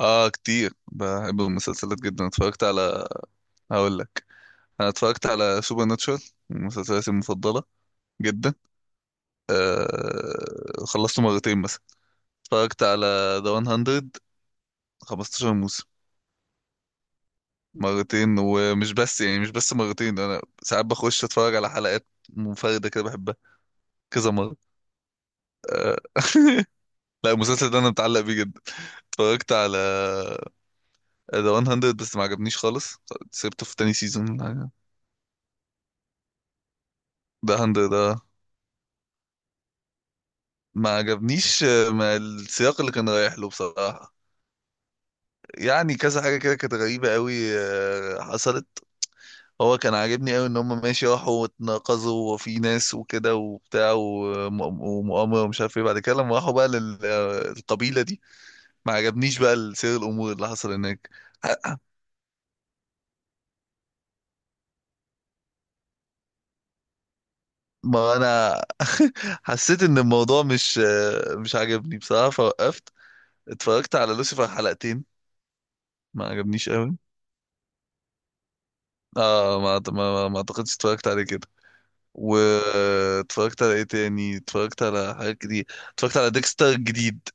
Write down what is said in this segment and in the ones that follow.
اه، كتير بحب المسلسلات جدا. اتفرجت على، هقول لك، انا اتفرجت على سوبر ناتشورال، من مسلسلاتي المفضله جدا. خلصته مرتين مثلا. اتفرجت على ذا 100، 15 موسم. مرتين، ومش بس، يعني مش بس مرتين، انا ساعات بخش اتفرج على حلقات منفرده كده بحبها كذا مره. آه... لا، المسلسل ده انا متعلق بيه جدا. اتفرجت على ذا 100، بس ما عجبنيش خالص، سيبته في تاني سيزون ده. 100 ده ما عجبنيش، آه، ما السياق اللي كان رايح له بصراحة. يعني كذا حاجة كده كانت غريبة قوي، حصلت. هو كان عاجبني قوي ان هم ماشي راحوا واتناقضوا، وفي ناس وكده وبتاع ومؤامرة ومش عارف ايه، بعد كده لما راحوا بقى للقبيلة دي ما عجبنيش بقى سير الامور اللي حصل هناك. ح- ما انا حسيت ان الموضوع مش عاجبني بصراحة، فوقفت. اتفرجت على لوسيفر حلقتين، ما عجبنيش قوي. اه، ما اعتقدش اتفرجت عليه كده. واتفرجت على ايه تاني، اتفرجت على حاجات كتير. اتفرجت على ديكستر الجديد.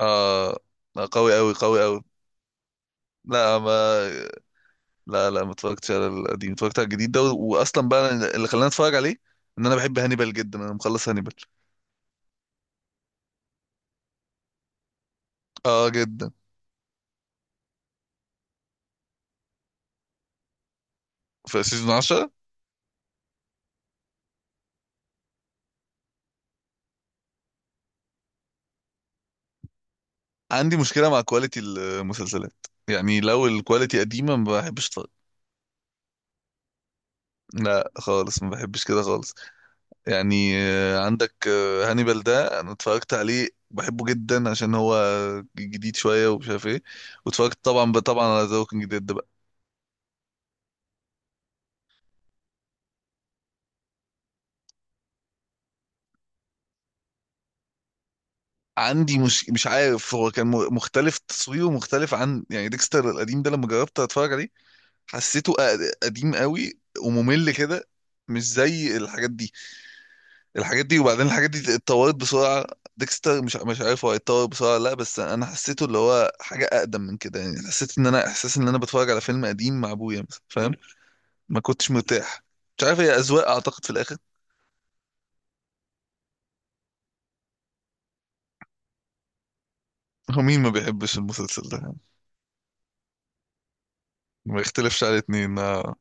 اه. لا، قوي. لا ما، لا، ما اتفرجتش على القديم، اتفرجت على الجديد ده، واصلا بقى اللي خلاني اتفرج عليه ان انا بحب هانيبال جدا، انا مخلص هانيبال. اه، جدا. في سيزون 10. عندي مشكله مع كواليتي المسلسلات، يعني لو الكواليتي قديمه ما بحبش اتفرج. لا خالص، ما بحبش كده خالص. يعني عندك هانيبال ده انا اتفرجت عليه، بحبه جدا عشان هو جديد شويه ومش عارف ايه. واتفرجت طبعا على ذا ووكينج ديد بقى. عندي مش عارف، هو كان مختلف، تصويره مختلف عن يعني ديكستر القديم ده لما جربت اتفرج عليه، حسيته قديم قوي وممل كده، مش زي الحاجات دي. الحاجات دي، وبعدين الحاجات دي اتطورت بسرعة. ديكستر مش عارف، هو اتطور بسرعة لا، بس انا حسيته اللي هو حاجة اقدم من كده. يعني حسيت ان انا، احساس ان انا بتفرج على فيلم قديم مع ابويا مثلا، فاهم؟ ما كنتش مرتاح. مش عارف، هي اذواق اعتقد في الاخر. هو مين ما بيحبش المسلسل ده يعني، ما يختلفش على اتنين. آه.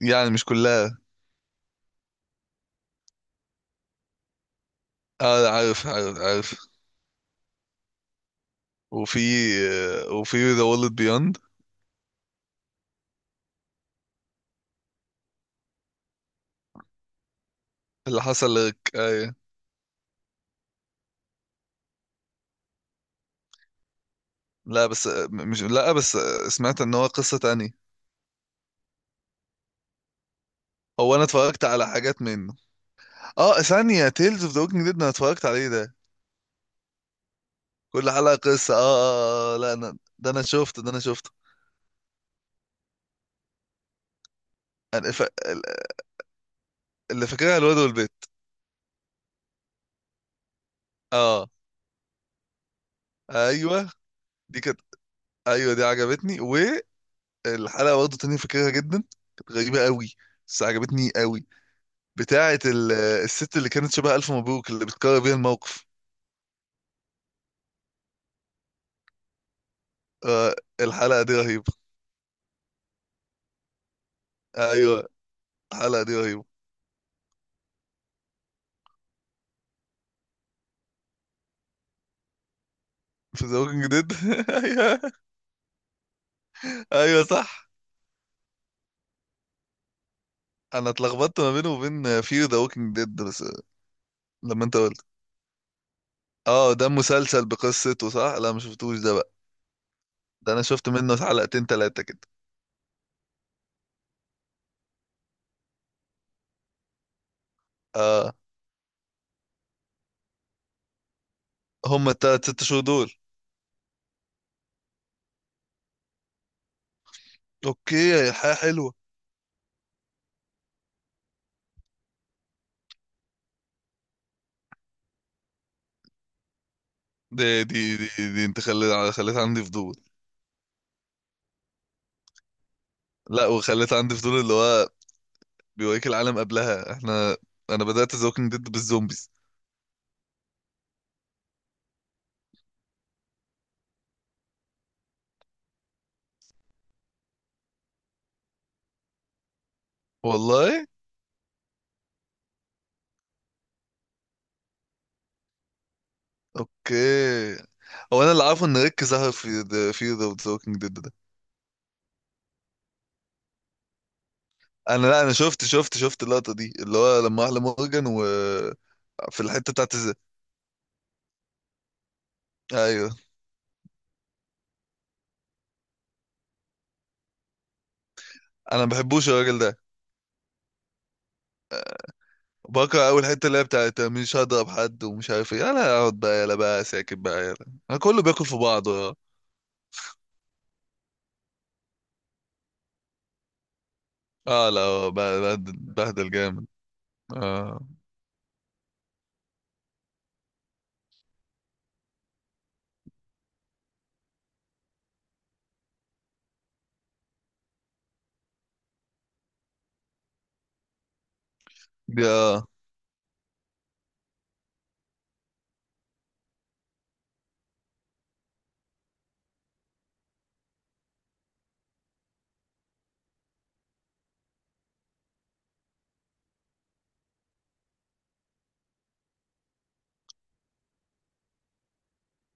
يعني مش كلها. اه، عارف عارف عارف. وفي، وفي ذا وورلد بيوند. اللي حصل لك. آه. لا بس، آه، مش لا بس، سمعت ان هو قصة تانية. هو انا اتفرجت على حاجات منه، اه. ثانية تيلز اوف ذا ووكينج ديد انا اتفرجت عليه ده. كل حلقة قصة، اه اه، لا انا ده انا شفته، ده انا شفته. أنا ف... اللي فاكرها الواد والبيت. اه. ايوه دي كانت، ايوه دي عجبتني. والحلقة برضه تانية فاكرها جدا، كانت غريبة قوي بس عجبتني قوي، بتاعة ال... الست اللي كانت شبه ألف مبروك اللي بتكرر بيها الموقف. آه، الحلقة دي رهيبة. ايوه، الحلقة دي رهيبة. في ذا ووكينج ديد. ايوه. ايوه صح. انا اتلخبطت ما بينه وبين فير ذا ووكينج ديد بس. لما انت قلت، اه، ده مسلسل بقصته صح، لا ما شفتوش ده بقى. ده انا شفت منه حلقتين تلاتة كده. اه. هما التلات ست شهور دول. اوكي، الحياة حلوة. دي انت خليت عندي فضول. لا، وخليت عندي فضول اللي هو بيوريك العالم قبلها. احنا، انا بدأت ذا ووكينج ديد بالزومبيز. والله. اوكي. هو انا اللي عارفه ان ريك ظهر في ذا ووكينج ديد ده. انا لا، انا شفت اللقطة دي اللي هو لما احلى مورجان و، في الحتة بتاعت ايوه. انا ما بحبوش الراجل ده. بكره اول حته، اللي هي بتاعت مش هضرب حد ومش عارف ايه، يلا اقعد بقى، يلا بقى ساكت بقى، يلا انا كله بياكل في بعضه. اه. آه، لا آه، بهدل بهدل جامد. اه. دي اه.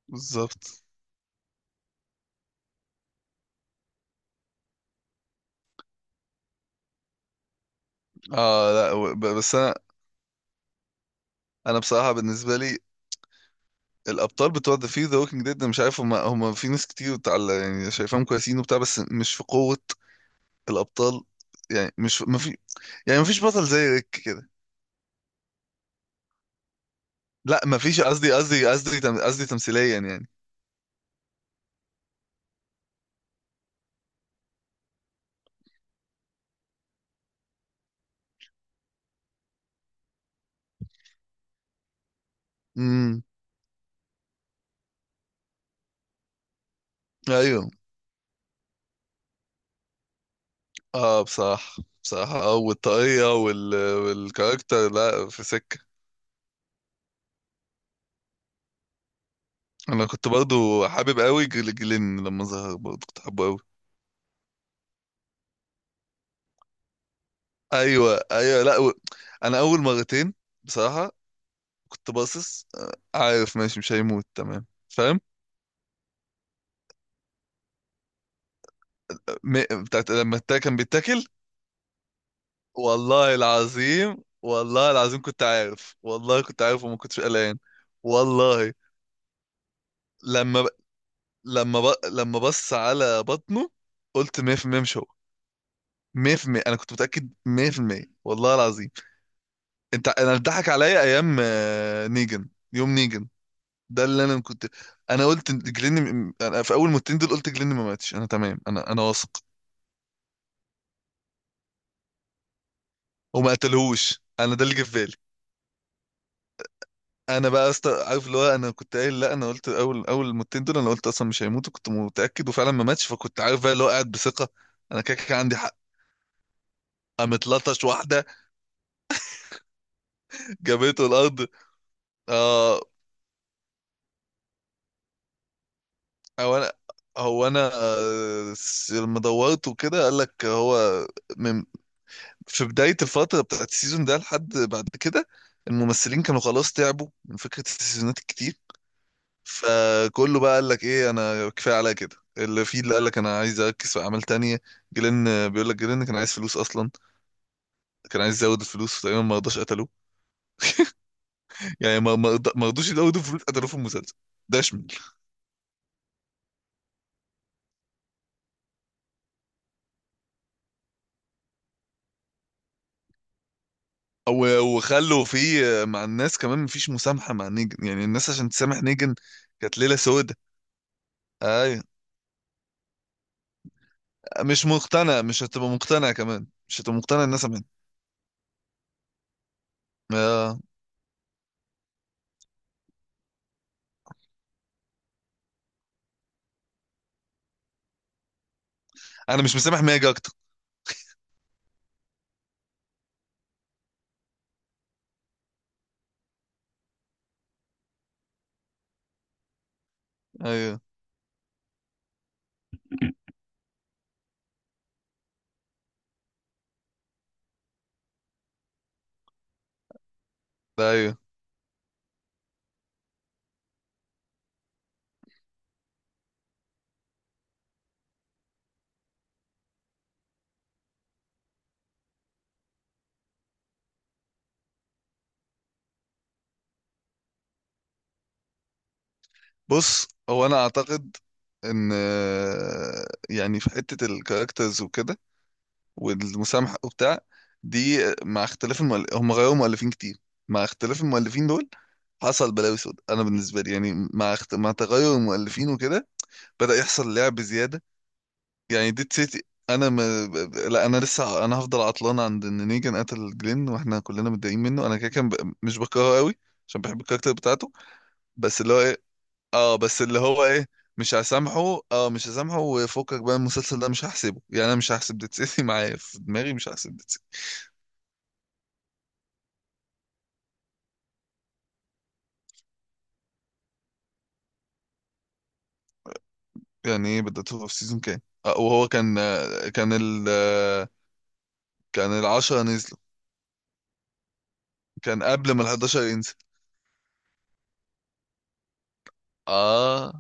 بالظبط. اه، لا بس انا، انا بصراحه بالنسبه لي، الابطال بتوع ذا ووكينج ديد مش عارف، هم في ناس كتير بتاع يعني، شايفاهم كويسين وبتاع، بس مش في قوه الابطال. يعني مش، ما في، يعني ما فيش بطل زي ريك كده. لا ما فيش، قصدي، قصدي قصدي تمثيليا. يعني، ايوه. اه، بصراحة بصراحة اه، والطاقية وال... والكاركتر، لا في سكة. انا كنت برضو حابب قوي جلين لما ظهر، برضو كنت حابه قوي. ايوه ايوه، لا و... انا اول مرتين بصراحة كنت باصص، عارف ماشي مش هيموت، تمام فاهم؟ م... بتاعت لما التا كان بيتاكل. والله العظيم، والله العظيم كنت عارف، والله كنت عارف وما كنتش قلقان. والله، لما ب... لما بص على بطنه قلت 100% مش هو. 100% انا كنت متاكد 100%. والله العظيم انت، انا اتضحك عليا ايام نيجن، يوم نيجن ده اللي انا كنت. انا قلت إن جلين انا في اول ماتين دول قلت جلين ما ماتش، انا تمام، انا واثق وما قتلهوش. انا ده اللي جه في بالي. انا بقى أست... عارف اللي هو، انا كنت قايل لا، انا قلت اول ماتين دول انا قلت اصلا مش هيموت، وكنت متاكد وفعلا ما ماتش، فكنت عارف بقى اللي هو قاعد بثقه. انا كده كده عندي حق. قامت لطش واحده جابته الارض. اه. هو انا هو انا آه، س- لما دورت وكده قال لك هو، من في بداية الفترة بتاعت السيزون ده لحد بعد كده، الممثلين كانوا خلاص تعبوا من فكرة السيزونات الكتير. فكله بقى قال لك ايه، انا كفاية عليا كده اللي فيه، اللي قال لك انا عايز اركز في اعمال تانية. جيلين، بيقول لك جيلين كان عايز فلوس اصلا، كان عايز يزود الفلوس تقريبا، ما رضاش، قتلوه. يعني ما رضوش يزودوا الفلوس، قتلوه في المسلسل ده. وخلوا في، مع الناس كمان مفيش مسامحة مع نيجن، يعني الناس عشان تسامح نيجن كانت ليلة سودة. ايوه، مش مقتنع، مش هتبقى مقتنع كمان، مش هتبقى مقتنع. الناس من، آه. انا مش مسامح ماجي اكتر. ايوه. ده ايوه. بص، هو انا اعتقد ان يعني في حتة الكاركترز وكده والمسامحة وبتاع دي، مع اختلاف المؤل... هم غيروا مؤلفين كتير، مع اختلاف المؤلفين دول حصل بلاوي سود. انا بالنسبه لي يعني، مع اخت... مع تغير المؤلفين وكده بدأ يحصل لعب زيادة. يعني ديد سيتي، انا ما، لا انا لسه، انا هفضل عطلان عند ان نيجان قتل جلين واحنا كلنا متضايقين منه. انا كده كان ب... مش بكرهه قوي عشان بحب الكاركتر بتاعته. بس اللي هو ايه، اه بس اللي هو ايه، مش هسامحه، اه مش هسامحه، وفكك بقى المسلسل ده مش هحسبه، يعني انا مش هحسب ديد سيتي معايا في دماغي، مش هحسب ديد سيتي. يعني ايه بدأته في سيزون كام، آه وهو كان آه كان ال آه كان العشرة نزلوا. كان قبل ما ال11 ينزل. اه.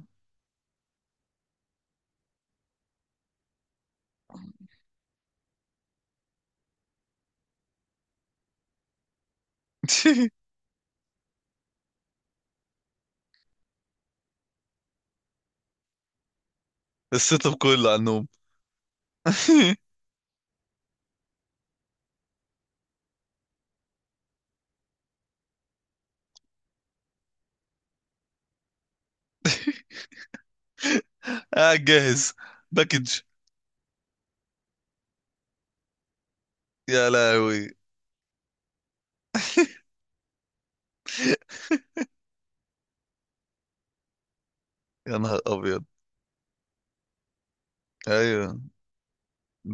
السيت اب كله عنهم. قاعد جاهز، باكج. يا لهوي. يا نهار ابيض. ايوه.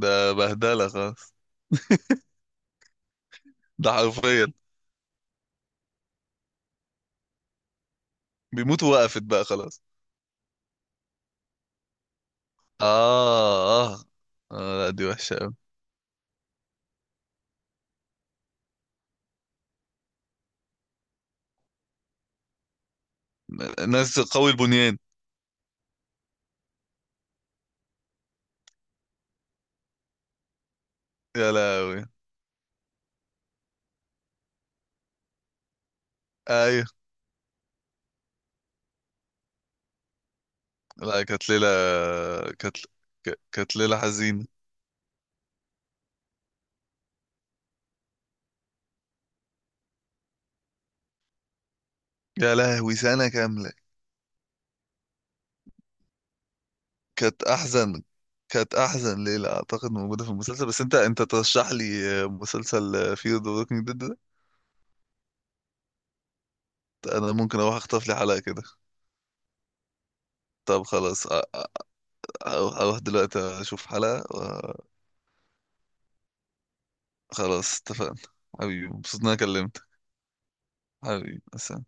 ده بهدله خلاص. ده حرفيا. بيموت، وقفت بقى خلاص. اه اه. لا دي وحشه قوي. ناس قوي البنيان. يا لهوي. ايوه. لا كانت ليله، كانت، كانت ليله حزينه. يا لهوي، سنه كامله. كانت احزن، كانت احزن ليله اعتقد موجوده في المسلسل. بس انت، انت ترشح لي مسلسل فيه ذا ووكينج ديد. انا ممكن اروح اخطف لي حلقة كده. طب خلاص، أ- اروح، أروح دلوقتي اشوف حلقة. وخلاص اتفقنا. حبيبي، مبسوط إن انا كلمتك. حبيبي سلام.